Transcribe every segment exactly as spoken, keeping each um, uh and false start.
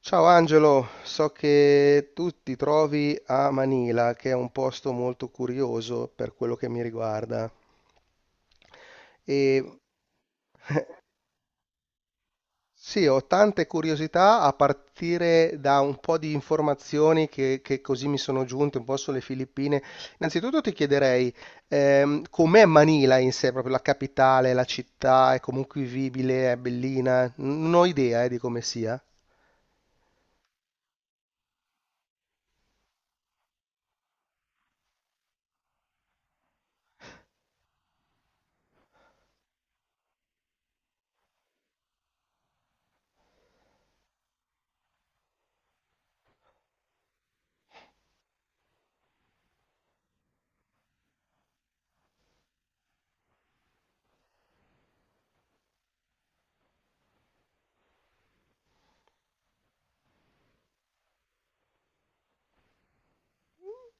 Ciao Angelo, so che tu ti trovi a Manila, che è un posto molto curioso per quello che mi riguarda. E sì, ho tante curiosità a partire da un po' di informazioni che, che così mi sono giunte un po' sulle Filippine. Innanzitutto ti chiederei, ehm, com'è Manila in sé, proprio la capitale, la città, è comunque vivibile, è bellina? Non ho idea, eh, di come sia.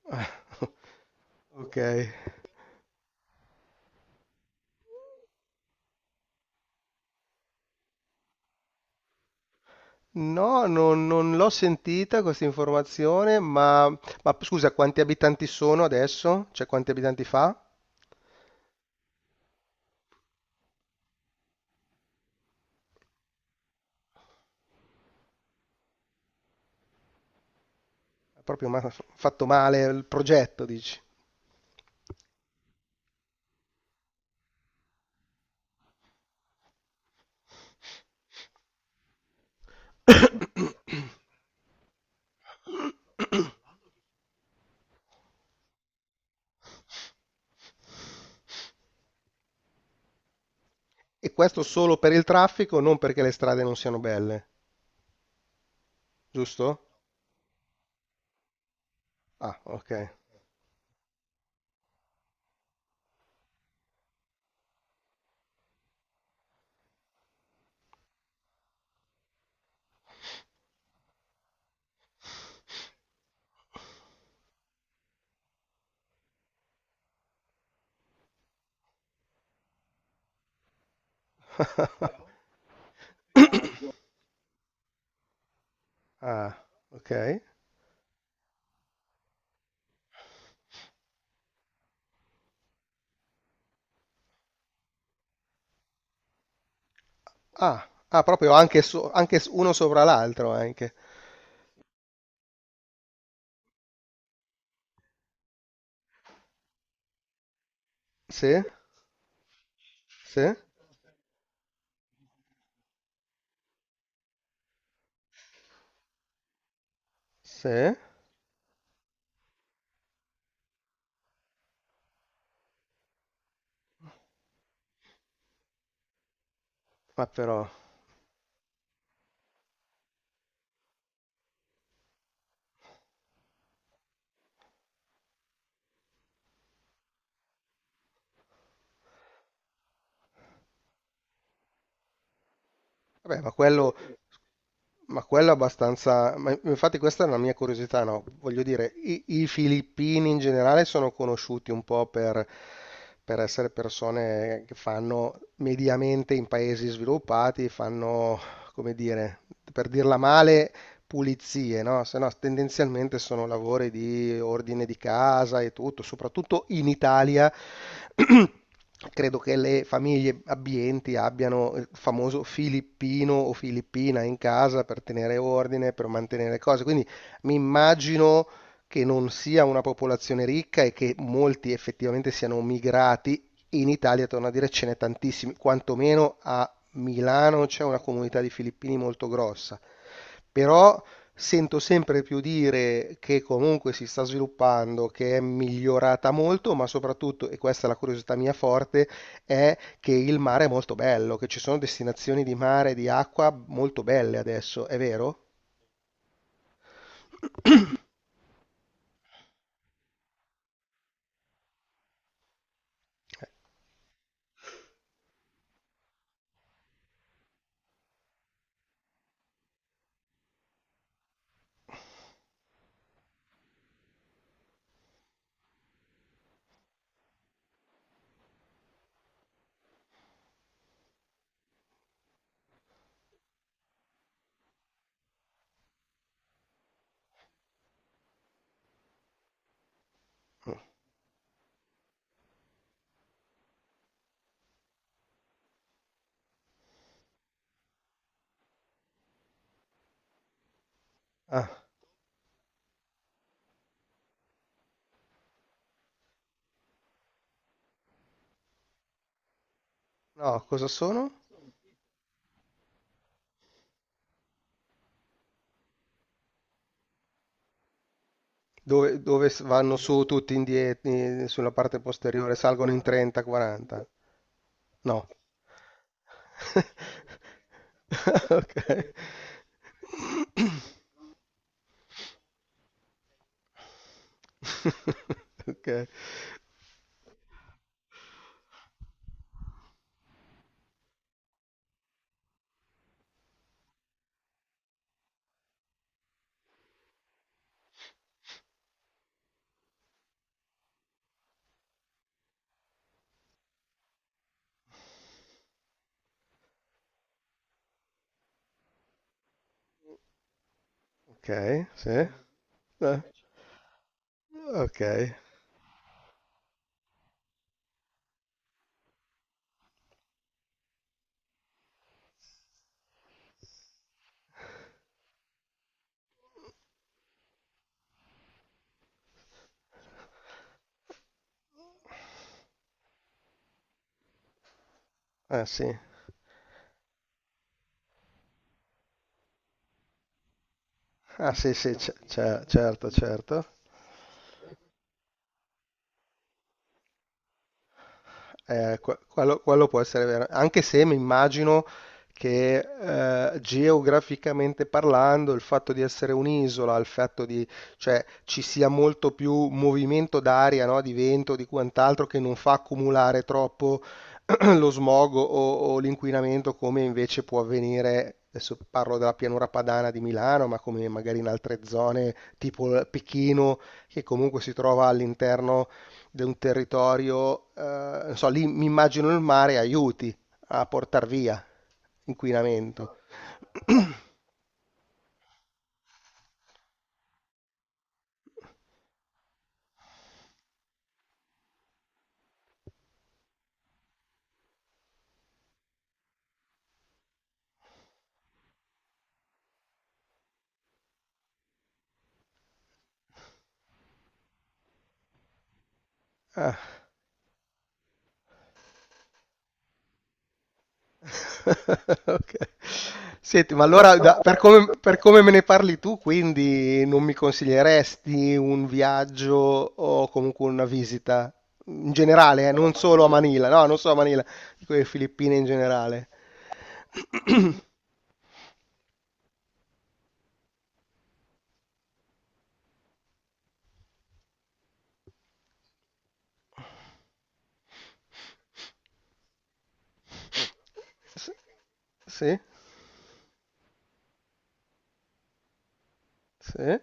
Ok. No, non, non l'ho sentita questa informazione, ma, ma scusa, quanti abitanti sono adesso? Cioè, quanti abitanti fa? È proprio ma- fatto male il progetto, dici. E questo solo per il traffico, non perché le strade non siano belle, giusto? Ah, ok. Ah, ok. Ah, ah, proprio anche, so- anche s- uno sopra l'altro, anche. Sì, sì, sì. Ma però, vabbè, ma quello, ma quello è abbastanza. Ma infatti, questa è una mia curiosità, no? Voglio dire, i, i filippini in generale sono conosciuti un po' per, per essere persone che fanno mediamente in paesi sviluppati, fanno, come dire, per dirla male, pulizie, no? Se no, tendenzialmente sono lavori di ordine di casa e tutto, soprattutto in Italia. Credo che le famiglie abbienti abbiano il famoso filippino o filippina in casa per tenere ordine, per mantenere cose. Quindi mi immagino che non sia una popolazione ricca e che molti effettivamente siano migrati. In Italia, torno a dire, ce n'è tantissimi, quantomeno a Milano c'è una comunità di filippini molto grossa, però sento sempre più dire che comunque si sta sviluppando, che è migliorata molto, ma soprattutto, e questa è la curiosità mia forte, è che il mare è molto bello, che ci sono destinazioni di mare, di acqua molto belle adesso, è vero? Ah, no, cosa sono? Dove, dove s- vanno su tutti indietro, eh, sulla parte posteriore, salgono in trenta, quaranta? No. Okay. Okay. Okay, sì. Eh, okay. Eh sì. Ah sì, sì, ce ce certo, certo. Eh, que- quello, quello può essere vero, anche se mi immagino che eh, geograficamente parlando il fatto di essere un'isola, il fatto di, cioè, ci sia molto più movimento d'aria, no? Di vento, di quant'altro, che non fa accumulare troppo lo smog o, o l'inquinamento come invece può avvenire, adesso parlo della pianura padana di Milano, ma come magari in altre zone tipo Pechino, che comunque si trova all'interno di un territorio, eh, non so, lì mi immagino il mare aiuti a portar via inquinamento. Ah. Ok. Senti, ma allora da- per come, per come me ne parli tu, quindi non mi consiglieresti un viaggio o comunque una visita in generale, eh, non solo a Manila, no, non solo a Manila, dico le Filippine in generale. S- Sì, sì,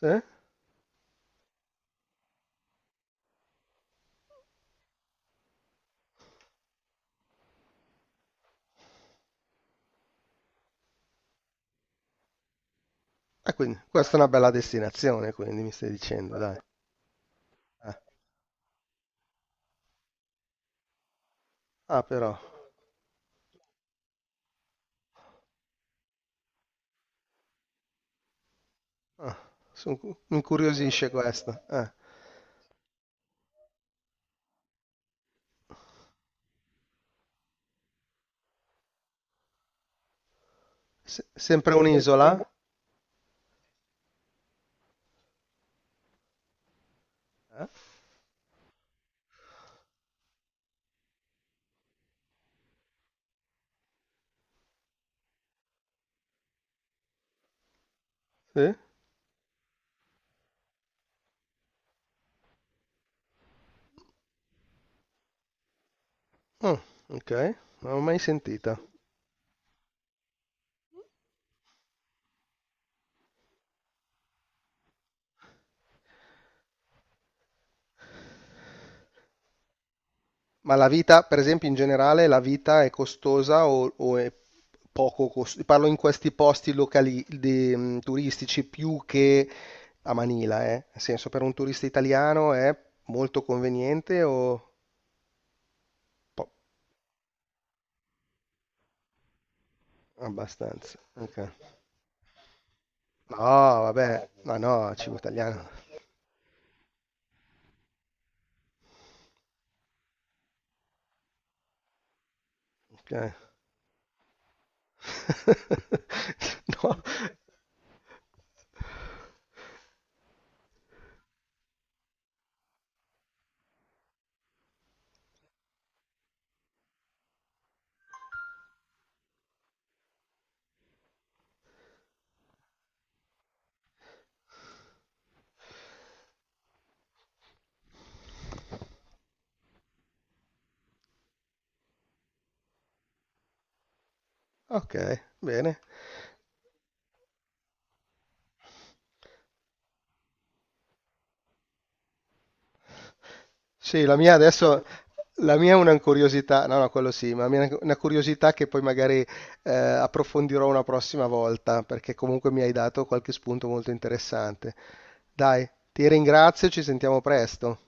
sì. E quindi questa è una bella destinazione, quindi mi stai dicendo, dai. Eh. Ah, però, ah, son cu- mi incuriosisce questa. Eh. Se- sempre un'isola? Eh? Sì? Mm, ok, non l'ho mai sentita. Ma la vita, per esempio, in generale, la vita è costosa o, o è poco costosa? Parlo in questi posti locali, di- mh, turistici più che a Manila, eh? Nel senso, per un turista italiano è molto conveniente o po- abbastanza? Ok. No, vabbè, ma no, cibo italiano. Ok. No, ok, bene. Sì, la mia adesso, la mia è una curiosità, no, no, quello sì, ma la mia è una curiosità che poi magari eh, approfondirò una prossima volta, perché comunque mi hai dato qualche spunto molto interessante. Dai, ti ringrazio, ci sentiamo presto.